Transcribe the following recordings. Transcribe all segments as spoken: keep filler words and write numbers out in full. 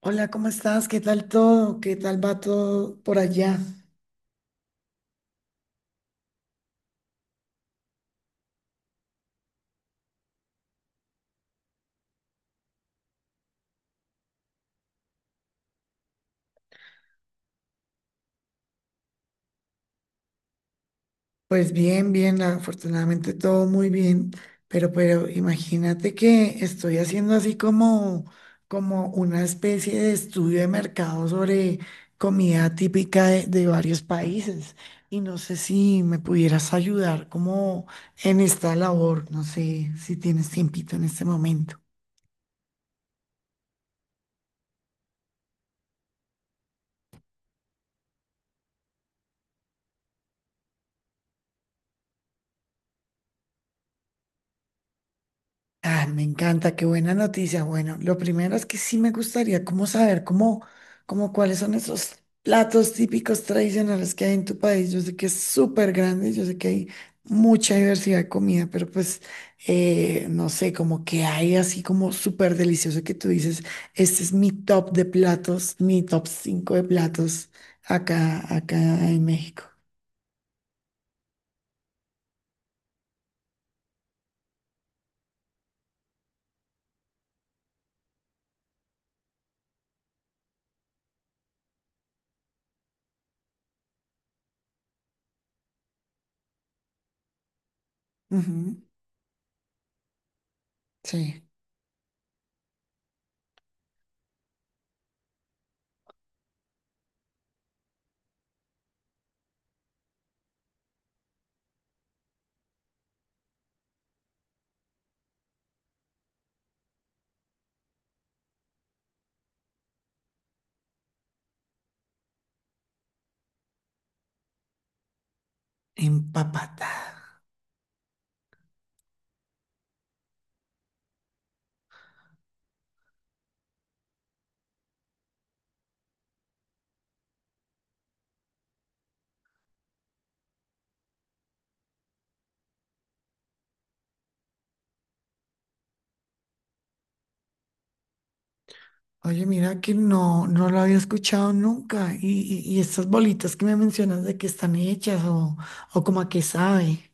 Hola, ¿cómo estás? ¿Qué tal todo? ¿Qué tal va todo por allá? Pues bien, bien, afortunadamente todo muy bien, pero pero imagínate que estoy haciendo así como como una especie de estudio de mercado sobre comida típica de, de varios países y no sé si me pudieras ayudar como en esta labor, no sé si tienes tiempito en este momento. Ah, me encanta, qué buena noticia. Bueno, lo primero es que sí me gustaría como saber cómo, cómo cuáles son esos platos típicos tradicionales que hay en tu país. Yo sé que es súper grande, yo sé que hay mucha diversidad de comida, pero pues eh, no sé, como que hay así como súper delicioso que tú dices, este es mi top de platos, mi top cinco de platos acá, acá en México. Ujú, sí, empapatada. Oye, mira que no, no lo había escuchado nunca. Y, y, y estas bolitas que me mencionas de que están hechas o, o como a qué sabe.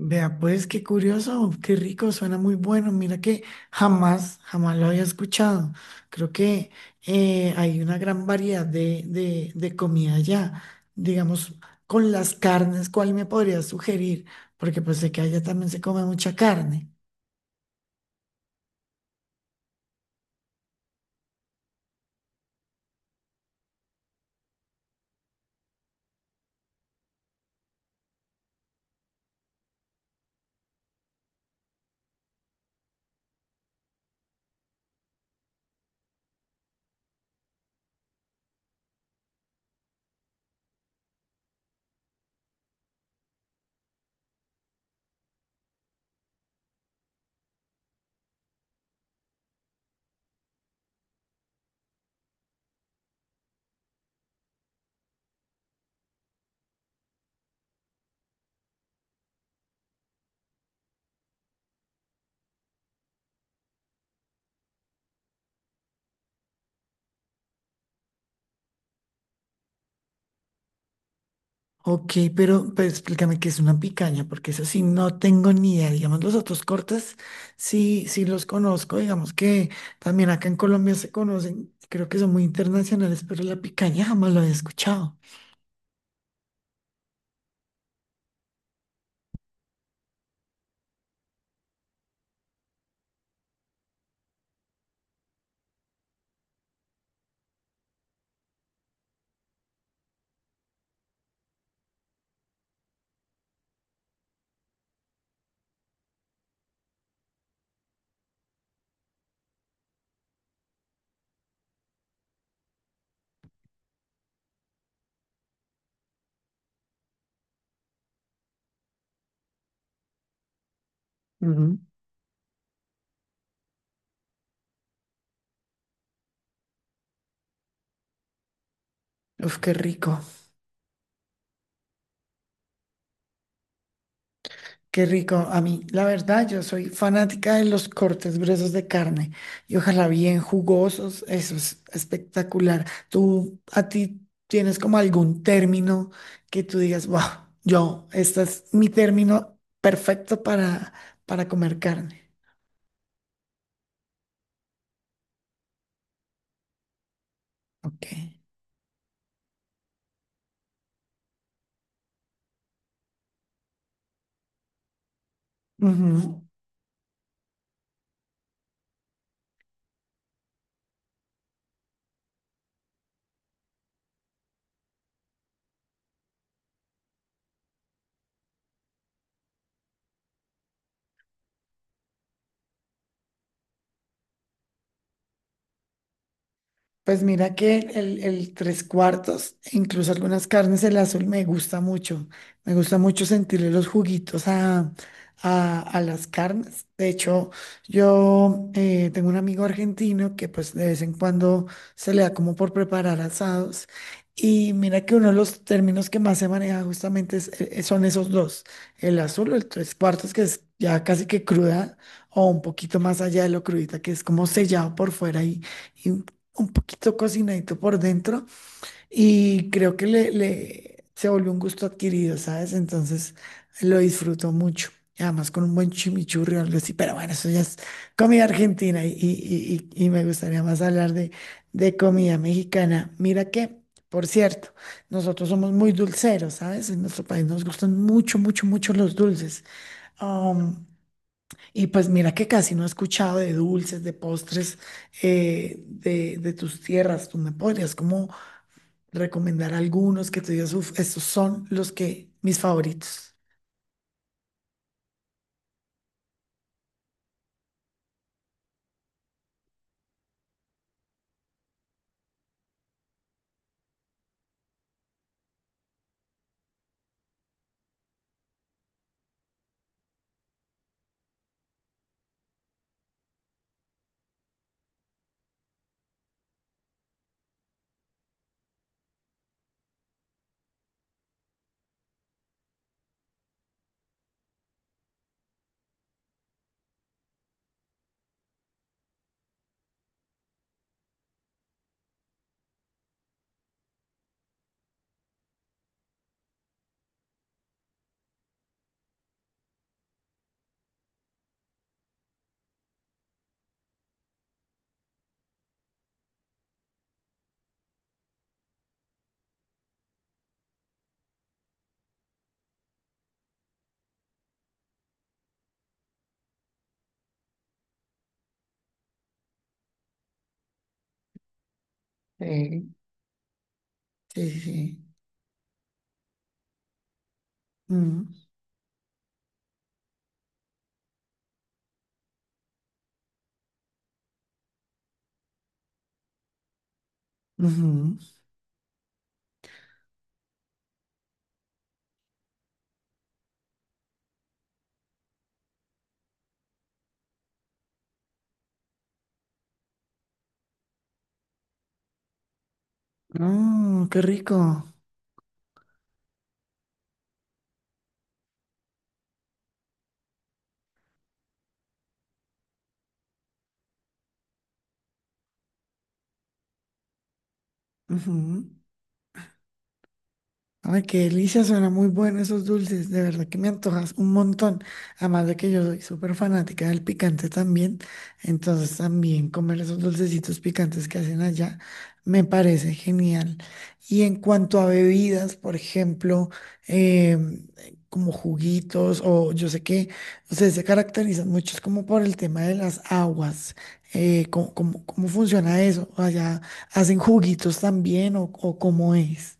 Vea, pues qué curioso, qué rico, suena muy bueno. Mira que jamás, jamás lo había escuchado. Creo que eh, hay una gran variedad de, de, de comida allá. Digamos, con las carnes, ¿cuál me podrías sugerir? Porque pues sé que allá también se come mucha carne. Ok, pero, pero explícame qué es una picaña, porque eso sí no tengo ni idea. Digamos, los otros cortes sí, sí los conozco, digamos que también acá en Colombia se conocen, creo que son muy internacionales, pero la picaña jamás lo había escuchado. Ujú. Uf, qué rico. Qué rico. A mí, la verdad, yo soy fanática de los cortes gruesos de carne y ojalá bien jugosos. Eso es espectacular. ¿Tú a ti tienes como algún término que tú digas, wow, yo, este es mi término perfecto para, para comer carne? Ok. Ujú. Pues mira que el, el tres cuartos, e incluso algunas carnes, el azul me gusta mucho. Me gusta mucho sentirle los juguitos a, a, a las carnes. De hecho, yo eh, tengo un amigo argentino que pues de vez en cuando se le da como por preparar asados. Y mira que uno de los términos que más se maneja justamente es- eh, eh, son esos dos. El azul, el tres cuartos, que es ya casi que cruda o un poquito más allá de lo crudita, que es como sellado por fuera y un poquito cocinadito por dentro y creo que le, le- se volvió un gusto adquirido, ¿sabes? Entonces lo disfruto mucho. Y además con un buen chimichurri o algo así, pero bueno, eso ya es comida argentina y, y- y- y me gustaría más hablar de, de comida mexicana. Mira que, por cierto, nosotros somos muy dulceros, ¿sabes? En nuestro país nos gustan mucho, mucho, mucho los dulces. Um, y pues mira que casi no he escuchado de dulces, de postres, eh, de, de tus tierras. ¿Tú me podrías como recomendar algunos que tú digas, uff, estos son los que, mis favoritos? Sí. Sí, sí, sí. Mm, ujú. Mm, qué rico. Ujú. Ay, qué delicia, suena muy bueno esos dulces, de verdad que me antojas un montón. Además de que yo soy súper fanática del picante también, entonces también comer esos dulcecitos picantes que hacen allá me parece genial. Y en cuanto a bebidas, por ejemplo, em, como juguitos o yo sé que ustedes se caracterizan muchos como por el tema de las aguas. eh, ¿cómo, cómo cómo funciona eso? ¿Allá hacen juguitos también o, o cómo es?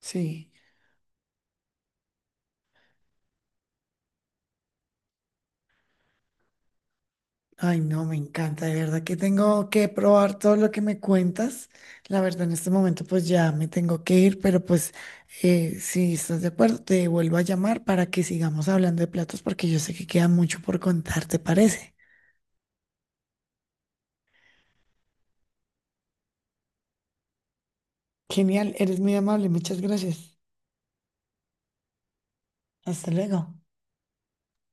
Sí, ay no, me encanta, de verdad que tengo que probar todo lo que me cuentas. La verdad, en este momento pues ya me tengo que ir, pero pues eh, si estás de acuerdo, te vuelvo a llamar para que sigamos hablando de platos porque yo sé que queda mucho por contar, ¿te parece? Genial, eres muy amable, muchas gracias. Hasta luego.